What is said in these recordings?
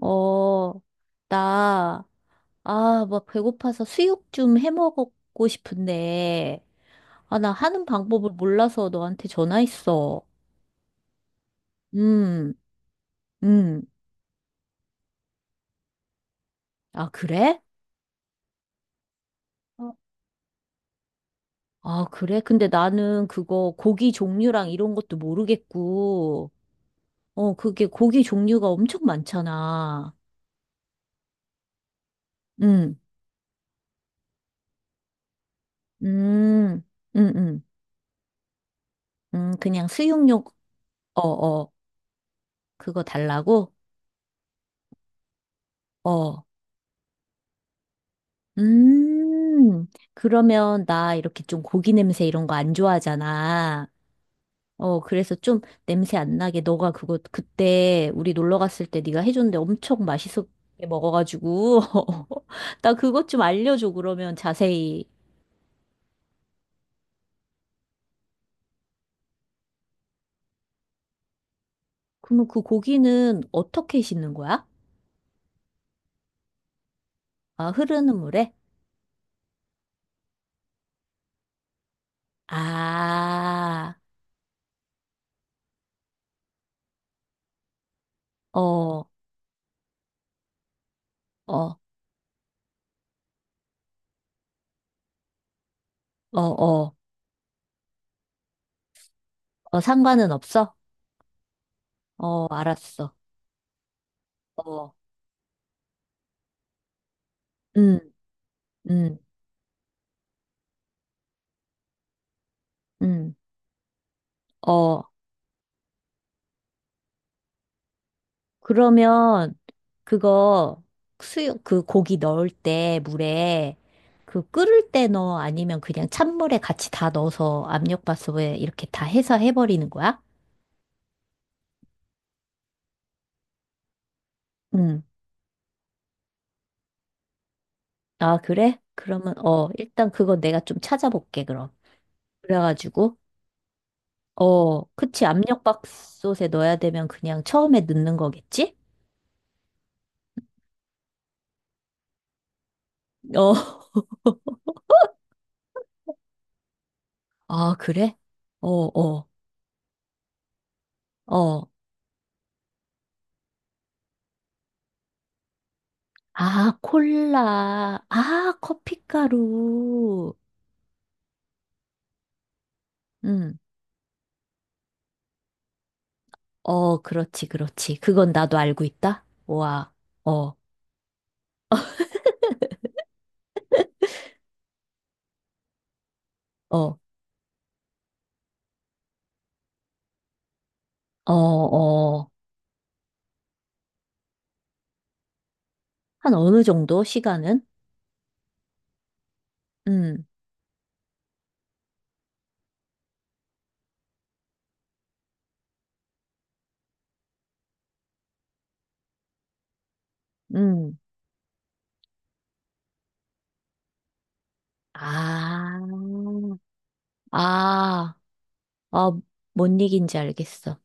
어, 나, 아, 막 배고파서 수육 좀 해 먹고 싶은데, 아, 나 하는 방법을 몰라서 너한테 전화했어. 음, 음. 아, 그래? 어. 아, 그래? 근데 나는 그거 고기 종류랑 이런 것도 모르겠고, 어, 그게 고기 종류가 엄청 많잖아. 음, 음, 음, 음, 그냥 수육용, 어, 어, 그거 달라고? 어. 음, 그러면 나 이렇게 좀 고기 냄새 이런 거 안 좋아하잖아. 어, 그래서 좀 냄새 안 나게 너가 그거 그때 우리 놀러 갔을 때 네가 해줬는데 엄청 맛있게 먹어가지고 나 그것 좀 알려줘 그러면 자세히. 그러면 그 고기는 어떻게 씻는 거야? 아, 흐르는 물에? 아, 어, 어, 어, 어, 상관은 없어? 어, 알았어. 어, 음, 음, 음. 어. 그러면 그거 수육 그 고기 넣을 때 물에 그 끓을 때 넣어 아니면 그냥 찬물에 같이 다 넣어서 압력밥솥에 이렇게 다 해서 해버리는 거야? 응. 아, 그래? 그러면 어, 일단 그거 내가 좀 찾아볼게, 그럼. 그래가지고 어, 그치 압력밥솥에 넣어야 되면 그냥 처음에 넣는 거겠지? 어. 아, 그래? 어, 어, 어. 아, 콜라. 아, 커피가루. 음. 어, 그렇지, 그렇지. 그건 나도 알고 있다. 와, 어, 어, 어, 어. 한 어느 정도 시간은? 음, 음. 아, 아, 어, 뭔 얘기인지 알겠어.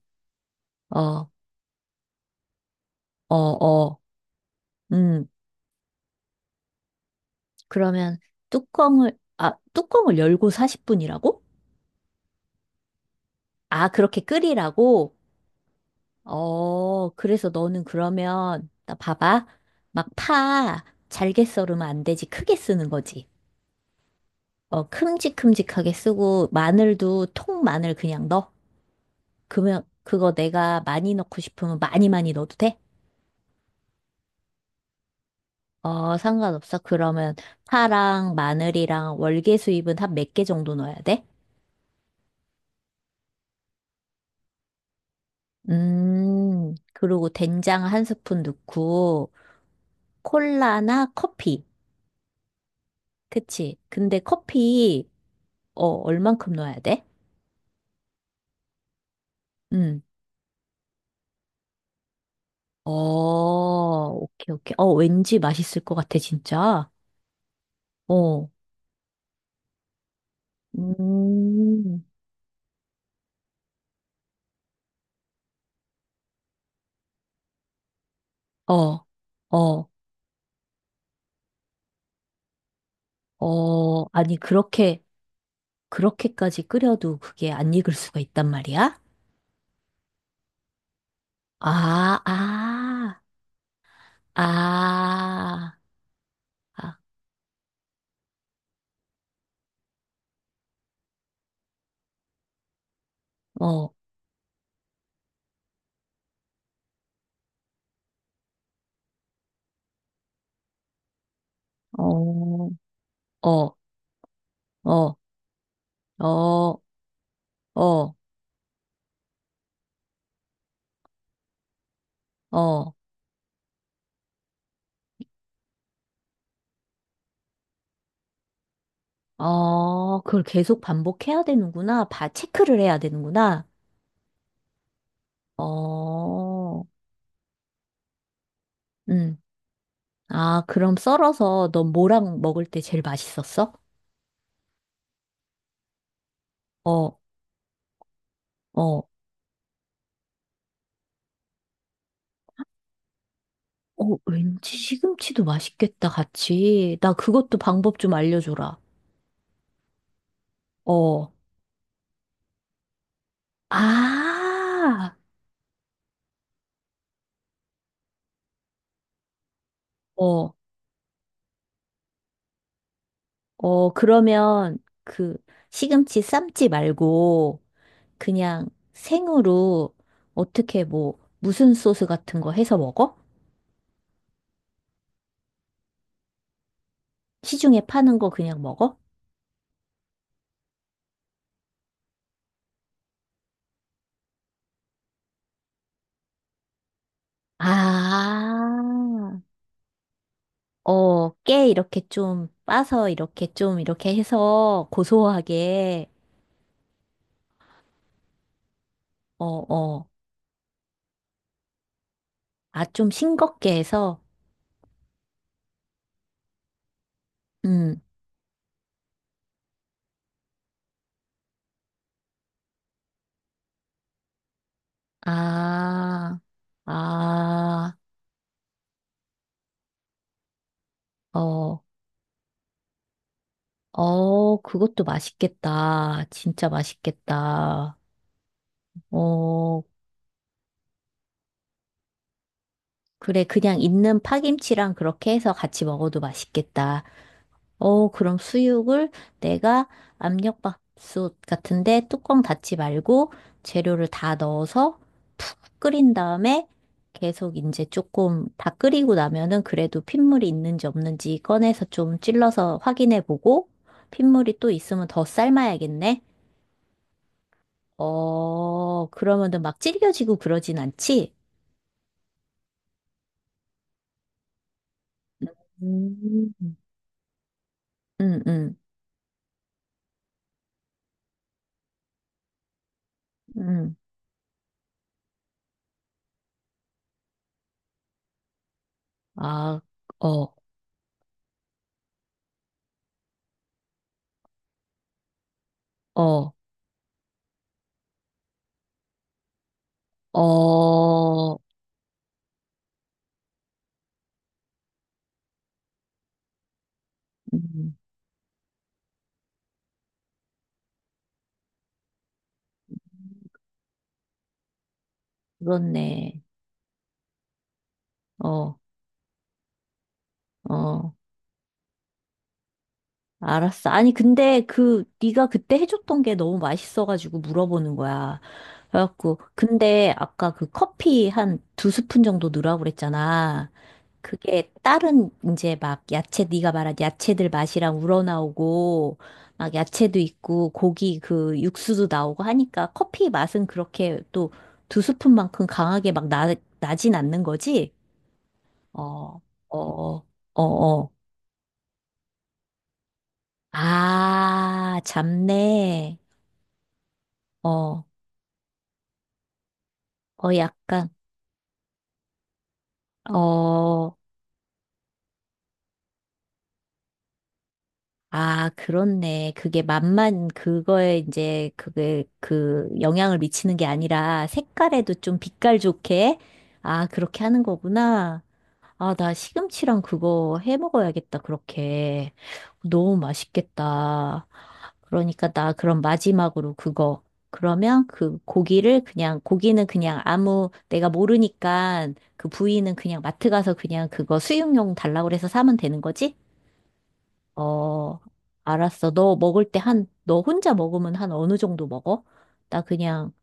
어, 어, 어. 음, 그러면 뚜껑을, 아, 뚜껑을 열고 40분이라고? 아, 그렇게 끓이라고? 어, 그래서 너는 그러면, 나 봐봐. 막 파, 잘게 썰으면 안 되지. 크게 쓰는 거지. 어, 큼직큼직하게 쓰고 마늘도 통 마늘 그냥 넣어. 그러면 그거 내가 많이 넣고 싶으면 많이 넣어도 돼? 어, 상관없어. 그러면 파랑 마늘이랑 월계수잎은 한 몇 개 정도 넣어야 돼? 그리고 된장 1 스푼 넣고 콜라나 커피. 그치? 근데 커피 어, 얼만큼 넣어야 돼? 음. 어, 오케이, 오케이. 어, 왠지 맛있을 것 같아, 진짜. 어. 음. 어, 어, 아니, 그렇게까지 끓여도 그게 안 익을 수가 있단 말이야? 아, 아, 아, 아, 어, 어, 어, 어, 어, 어, 어, 그걸 계속 반복해야 되는구나. 바, 체크를 해야 되는구나. 어, 음. 아, 그럼 썰어서 넌 뭐랑 먹을 때 제일 맛있었어? 어, 어, 어, 왠지 시금치도 맛있겠다, 같이. 나 그것도 방법 좀 알려줘라. 어. 아, 어, 그러면 그 시금치 삶지 말고 그냥 생으로 어떻게 뭐 무슨 소스 같은 거 해서 먹어? 시중에 파는 거 그냥 먹어? 아, 어, 깨 이렇게 좀 빠서 이렇게 좀 이렇게 해서 고소하게, 어, 어, 아, 좀 싱겁게 해서 음, 아, 아, 어, 그것도 맛있겠다. 진짜 맛있겠다. 어, 그래, 그냥 있는 파김치랑 그렇게 해서 같이 먹어도 맛있겠다. 어, 그럼 수육을 내가 압력밥솥 같은데 뚜껑 닫지 말고 재료를 다 넣어서 푹 끓인 다음에 계속 이제 조금 다 끓이고 나면은 그래도 핏물이 있는지 없는지 꺼내서 좀 찔러서 확인해 보고 핏물이 또 있으면 더 삶아야겠네. 어, 그러면은 막 질겨지고 그러진 않지? 음, 음, 음. 음. 아, 어, 어, 어. 음. 그렇네. 어, 어. 알았어. 아니, 근데 그, 네가 그때 해줬던 게 너무 맛있어가지고 물어보는 거야. 그래갖고, 근데 아까 그 커피 한 2 스푼 정도 넣으라고 그랬잖아. 그게 다른 이제 막 야채, 네가 말한 야채들 맛이랑 우러나오고, 막 야채도 있고, 고기 그 육수도 나오고 하니까 커피 맛은 그렇게 또 2 스푼만큼 강하게 막 나, 나진 않는 거지? 어, 어, 어, 어. 어. 아, 잡내. 어, 약간, 어, 아, 그렇네. 그게 맛만 그거에 이제 그게 그 영향을 미치는 게 아니라 색깔에도 좀 빛깔 좋게, 아, 그렇게 하는 거구나. 아, 나 시금치랑 그거 해 먹어야겠다, 그렇게. 너무 맛있겠다. 그러니까 나 그럼 마지막으로 그거. 그러면 그 고기를 그냥, 고기는 그냥 아무, 내가 모르니까 그 부위는 그냥 마트 가서 그냥 그거 수육용 달라고 해서 사면 되는 거지? 어, 알았어. 너 먹을 때 한, 너 혼자 먹으면 한 어느 정도 먹어? 나 그냥,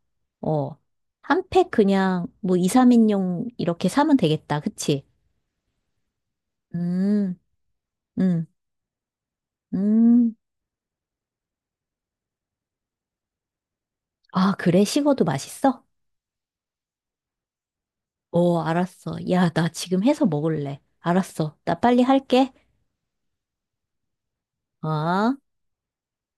어, 한 팩 그냥 뭐 이삼 인용 이렇게 사면 되겠다. 그치? 음, 음. 음. 아, 그래? 식어도 맛있어? 오, 알았어. 야, 나 지금 해서 먹을래. 알았어. 나 빨리 할게. 어?